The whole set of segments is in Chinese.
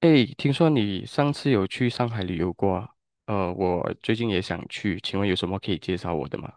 哎，听说你上次有去上海旅游过啊？我最近也想去，请问有什么可以介绍我的吗？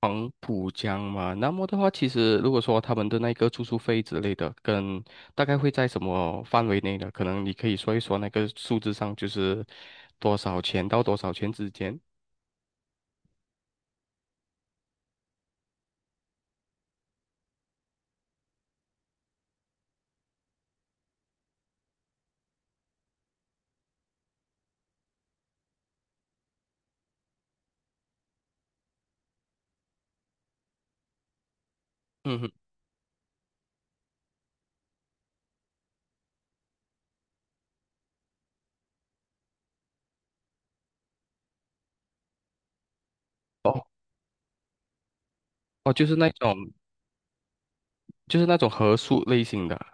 黄浦江嘛，那么的话，其实如果说他们的那个住宿费之类的，跟大概会在什么范围内呢？可能你可以说一说那个数字上，就是多少钱到多少钱之间。嗯哼。哦哦，就是那种合宿类型的啊，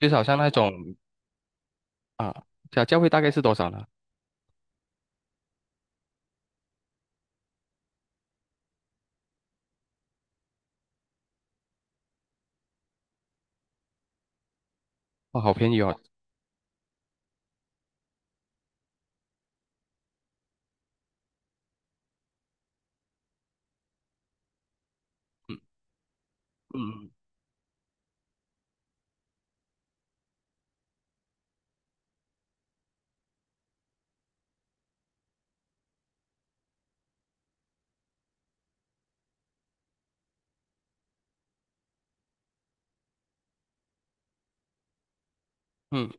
就是好像那种啊，小教会大概是多少呢？哦，好便宜哦。嗯嗯嗯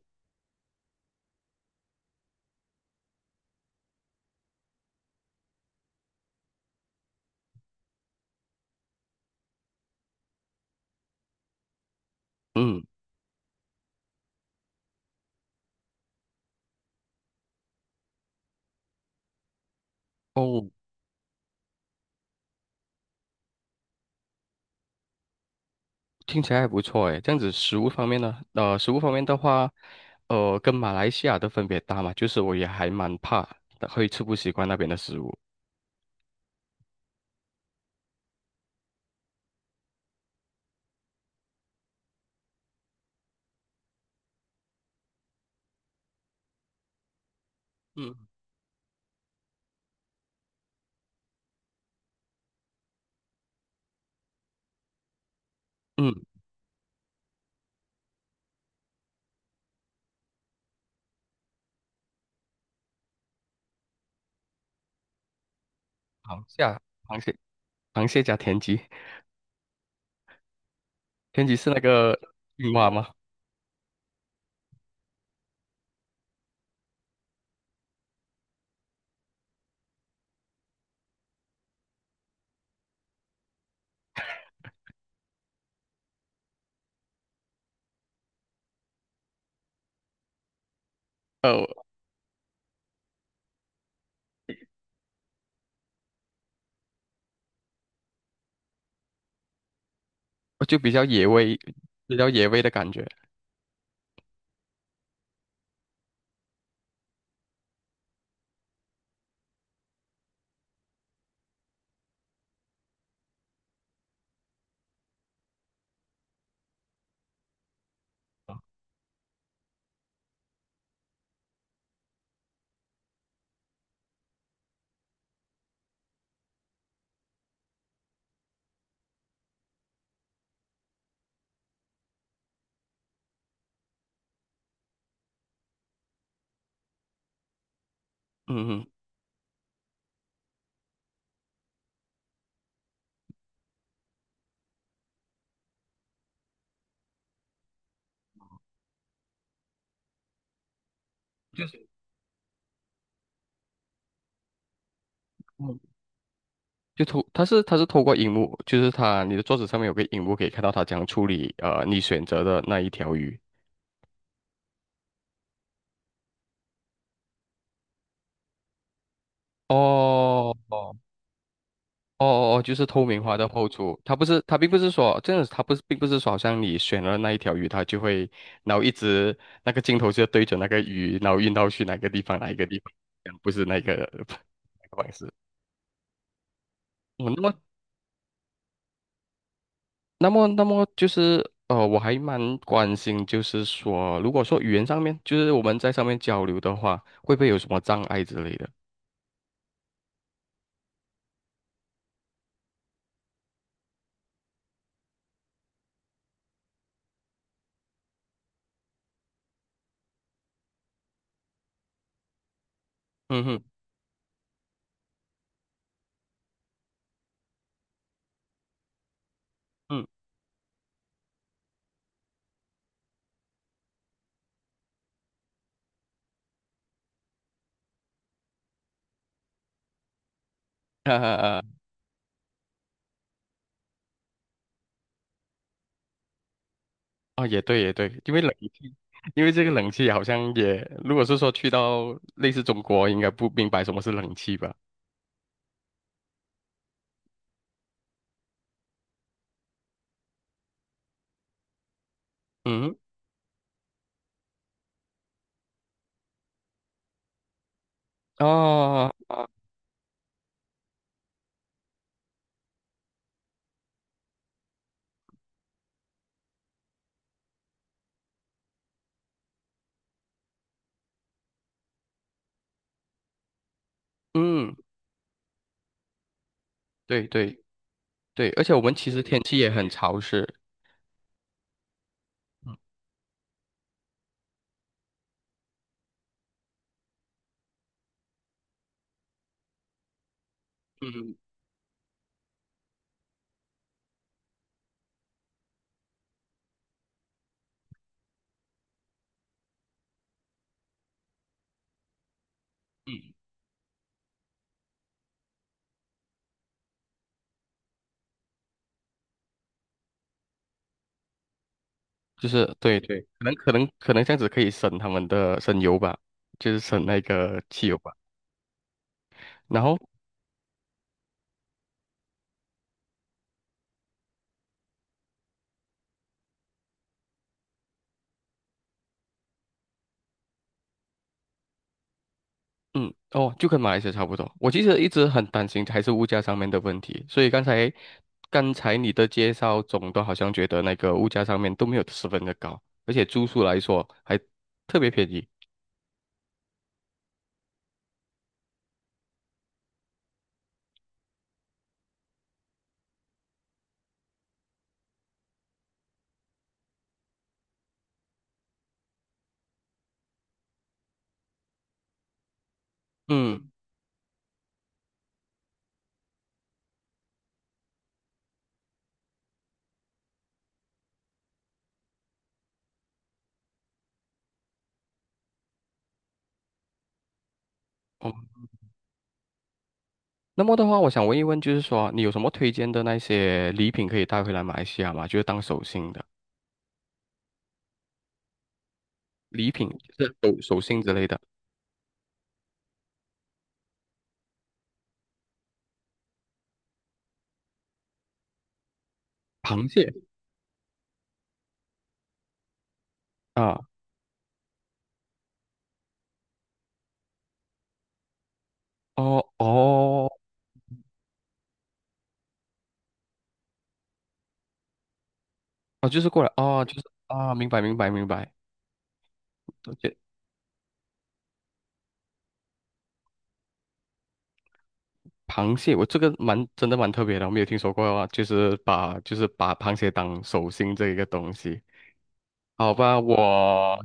嗯。哦，听起来还不错诶。这样子食物方面呢，食物方面的话，跟马来西亚的分别大嘛，就是我也还蛮怕的，会吃不习惯那边的食物。嗯嗯。螃蟹啊，螃蟹，螃蟹加田鸡，田鸡是那个青蛙吗？呃，就比较野味，比较野味的感觉。嗯嗯。嗯，它是透过荧幕，就是它你的桌子上面有个荧幕，可以看到他怎样处理你选择的那一条鱼。哦哦哦哦，就是透明化的后厨，它并不是说这样子，它不是并不是说好像你选了那一条鱼，它就会然后一直那个镜头就对着那个鱼，然后运到去哪个地方哪一个地方，这样不是那个 那个方式。我那么那么，那么就是呃，我还蛮关心，就是说，如果说语言上面，就是我们在上面交流的话，会不会有什么障碍之类的？嗯哼。嗯。哈哈哈。啊，也对，也对，因为这个冷气好像也，如果是说去到类似中国，应该不明白什么是冷气吧？嗯。哦。嗯，对对对，而且我们其实天气也很潮湿。嗯嗯。就是对对，可能这样子可以省他们的省油吧，就是省那个汽油吧。然后。嗯。哦，就跟马来西亚差不多。我其实一直很担心还是物价上面的问题，所以刚才你的介绍总的好像觉得那个物价上面都没有十分的高，而且住宿来说还特别便宜。嗯。哦，那么的话，我想问一问，就是说你有什么推荐的那些礼品可以带回来马来西亚吗？就是当手信的礼品，就是手信之类的。螃蟹。啊。哦哦哦，就是过来哦，就是啊，明白明白明白。而且螃蟹，我这个蛮真的蛮特别的，我没有听说过啊，就是把螃蟹当手心这一个东西。好吧，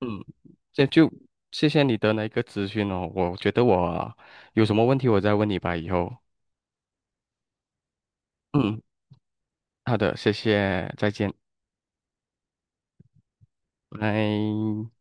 嗯，这就谢谢你的那个咨询哦。我觉得我有什么问题我再问你吧，以后。嗯，好的，谢谢，再见，拜。